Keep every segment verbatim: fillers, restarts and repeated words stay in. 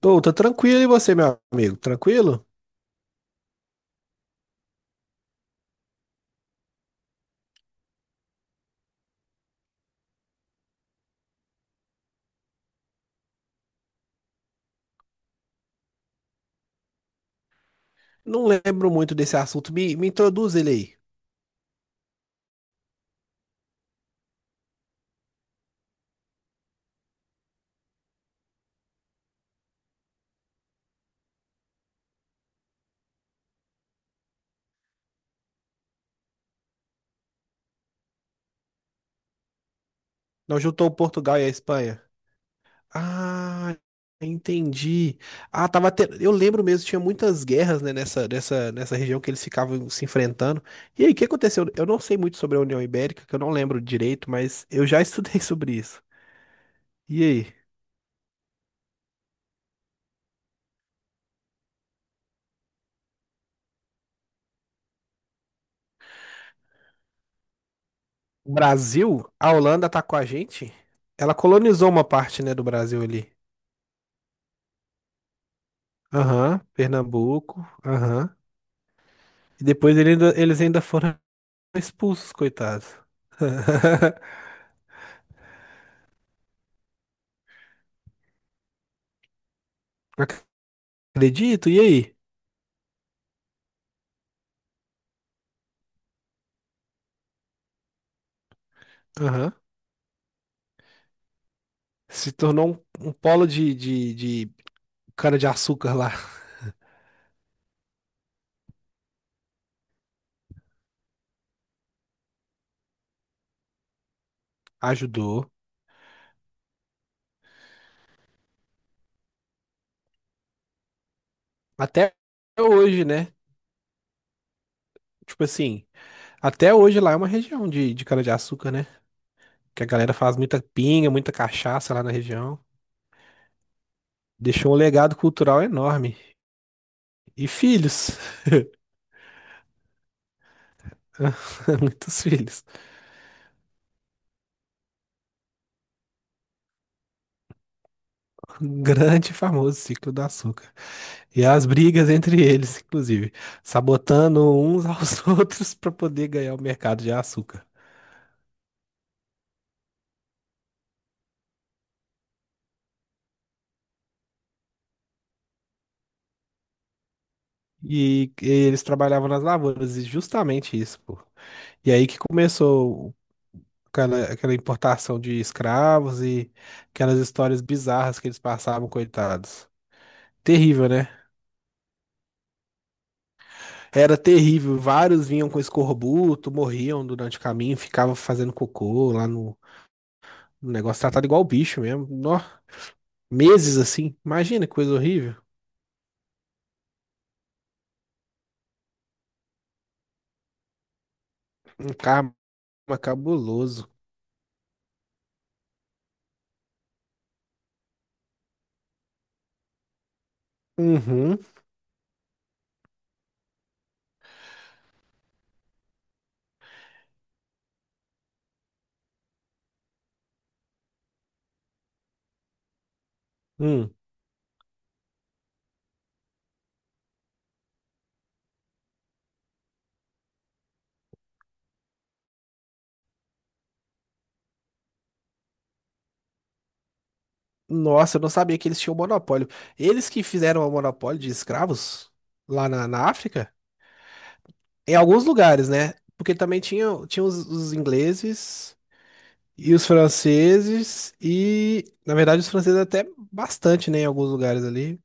Tô, tô tranquilo, e você, meu amigo? Tranquilo? Não lembro muito desse assunto. Me, me introduz ele aí. Nós juntou o Portugal e a Espanha. Ah, entendi. Ah, tava te... Eu lembro mesmo, tinha muitas guerras, né, nessa, nessa, nessa região que eles ficavam se enfrentando. E aí, o que aconteceu? Eu não sei muito sobre a União Ibérica, que eu não lembro direito, mas eu já estudei sobre isso. E aí? O Brasil? A Holanda atacou a gente? Ela colonizou uma parte, né, do Brasil ali. Aham, Pernambuco. Aham. E depois ele ainda- eles ainda foram expulsos, coitados. Acredito, e aí? Aham. Se tornou um, um polo de, de, de cana de açúcar lá. Ajudou. Até hoje, né? Tipo assim, até hoje lá é uma região de, de cana de açúcar, né? Que a galera faz muita pinga, muita cachaça lá na região. Deixou um legado cultural enorme. E filhos. Muitos filhos. Um grande e famoso ciclo do açúcar. E as brigas entre eles, inclusive, sabotando uns aos outros para poder ganhar o mercado de açúcar. E, e eles trabalhavam nas lavouras, e justamente isso, pô. E aí que começou aquela, aquela importação de escravos e aquelas histórias bizarras que eles passavam, coitados. Terrível, né? Era terrível. Vários vinham com escorbuto, morriam durante o caminho, ficavam fazendo cocô lá no, no negócio, tratado igual bicho mesmo. Nó, meses assim. Imagina que coisa horrível. Um cara Mas cabuloso. Uhum. Hum. Nossa, eu não sabia que eles tinham monopólio. Eles que fizeram o monopólio de escravos lá na, na África, em alguns lugares, né? Porque também tinha, tinha os, os ingleses e os franceses, e na verdade os franceses até bastante, né? Em alguns lugares ali.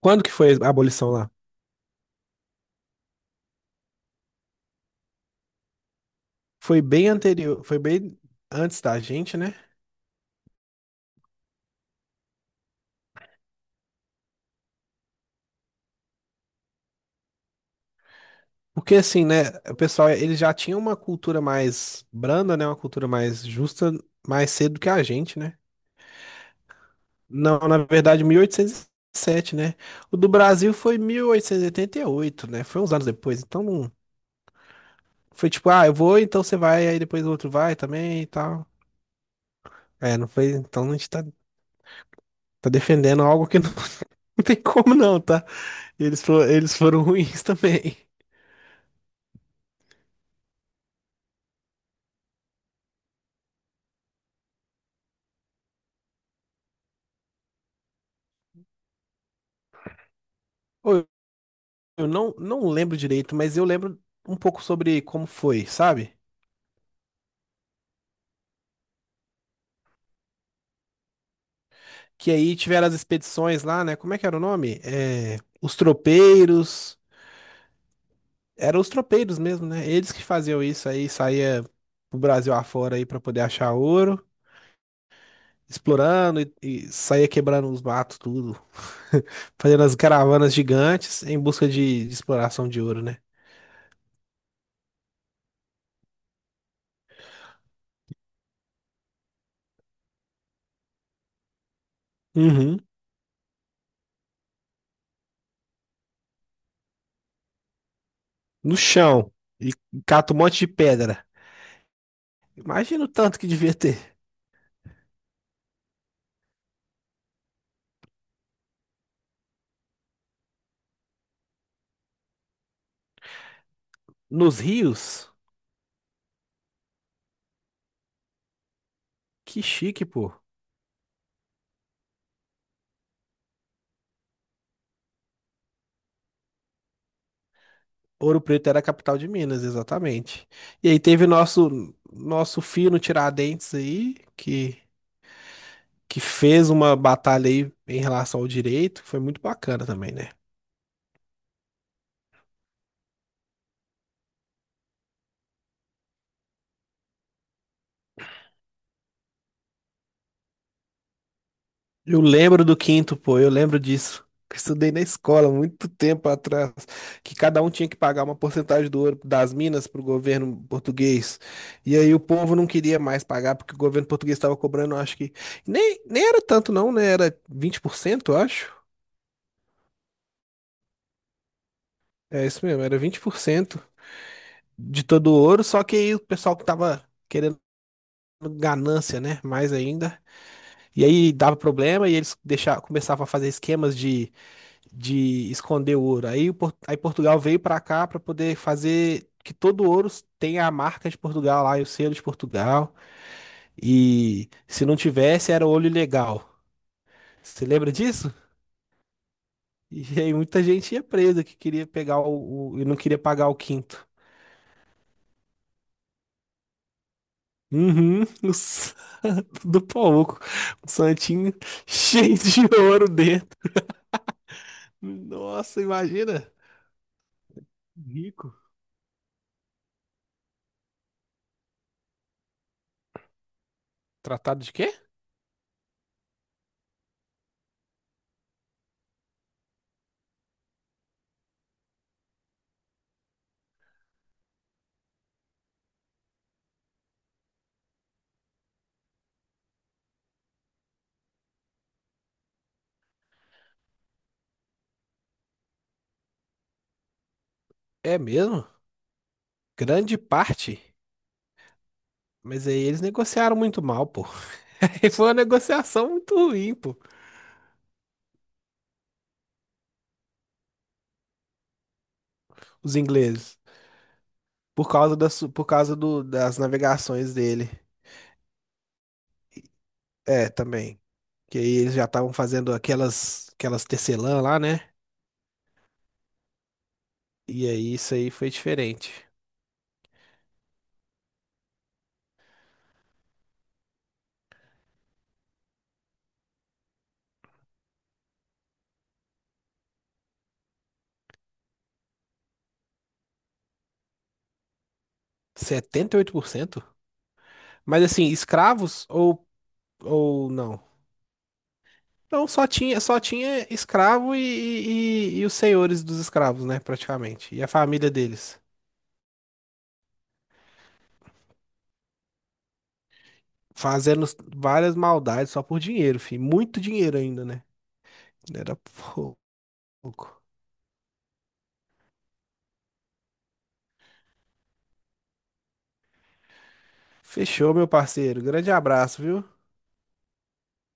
Quando que foi a abolição lá? Foi bem anterior, foi bem antes da gente, né? Porque assim, né, o pessoal, eles já tinham uma cultura mais branda, né, uma cultura mais justa, mais cedo que a gente, né? Não, na verdade, mil oitocentos e sete, né? O do Brasil foi mil oitocentos e e oitenta e oito, né? Foi uns anos depois, então não... Foi tipo, ah, eu vou, então você vai, aí depois o outro vai também e tal. É, não foi, então a gente tá, tá defendendo algo que não, não tem como não, tá? Eles foram, eles foram ruins também. Ô, Eu não, não lembro direito, mas eu lembro um pouco sobre como foi, sabe? Que aí tiveram as expedições lá, né? Como é que era o nome? É, os tropeiros. Eram os tropeiros mesmo, né? Eles que faziam isso aí, saía pro Brasil afora aí pra poder achar ouro, explorando e, e saía quebrando os matos, tudo. Fazendo as caravanas gigantes em busca de, de exploração de ouro, né? Uhum. No chão. E cata um monte de pedra. Imagina o tanto que devia ter. Nos rios. Que chique, pô. Ouro Preto era a capital de Minas, exatamente. E aí teve nosso nosso fino Tiradentes aí, que, que fez uma batalha aí em relação ao direito, que foi muito bacana também, né? Eu lembro do quinto, pô, eu lembro disso. Eu estudei na escola muito tempo atrás, que cada um tinha que pagar uma porcentagem do ouro das minas para o governo português. E aí o povo não queria mais pagar, porque o governo português estava cobrando, acho que. Nem, nem era tanto, não, né? Era vinte por cento, eu acho. É isso mesmo, era vinte por cento de todo ouro, só que aí o pessoal que tava querendo ganância, né? Mais ainda. E aí dava problema e eles deixavam, começavam a fazer esquemas de, de esconder o ouro. Aí, o Por- aí Portugal veio pra cá pra poder fazer que todo ouro tenha a marca de Portugal lá e o selo de Portugal. E se não tivesse, era ouro ilegal. Você lembra disso? E aí muita gente ia presa que queria pegar o, o- e não queria pagar o quinto. Uhum, o santo do pouco. Um santinho cheio de ouro dentro. Nossa, imagina. Rico. Tratado de quê? É mesmo? Grande parte. Mas aí eles negociaram muito mal, pô. Aí foi uma negociação muito ruim, pô. Os ingleses. Por causa das, por causa do, das navegações dele. É, também. Que aí eles já estavam fazendo aquelas, aquelas tecelã lá, né? E aí isso aí foi diferente. Setenta e oito por cento? Mas assim, escravos ou, ou não? Não, só tinha, só tinha escravo e, e, e os senhores dos escravos, né, praticamente. E a família deles. Fazendo várias maldades só por dinheiro, fi. Muito dinheiro ainda, né? Não era pouco. Fechou, meu parceiro. Grande abraço, viu?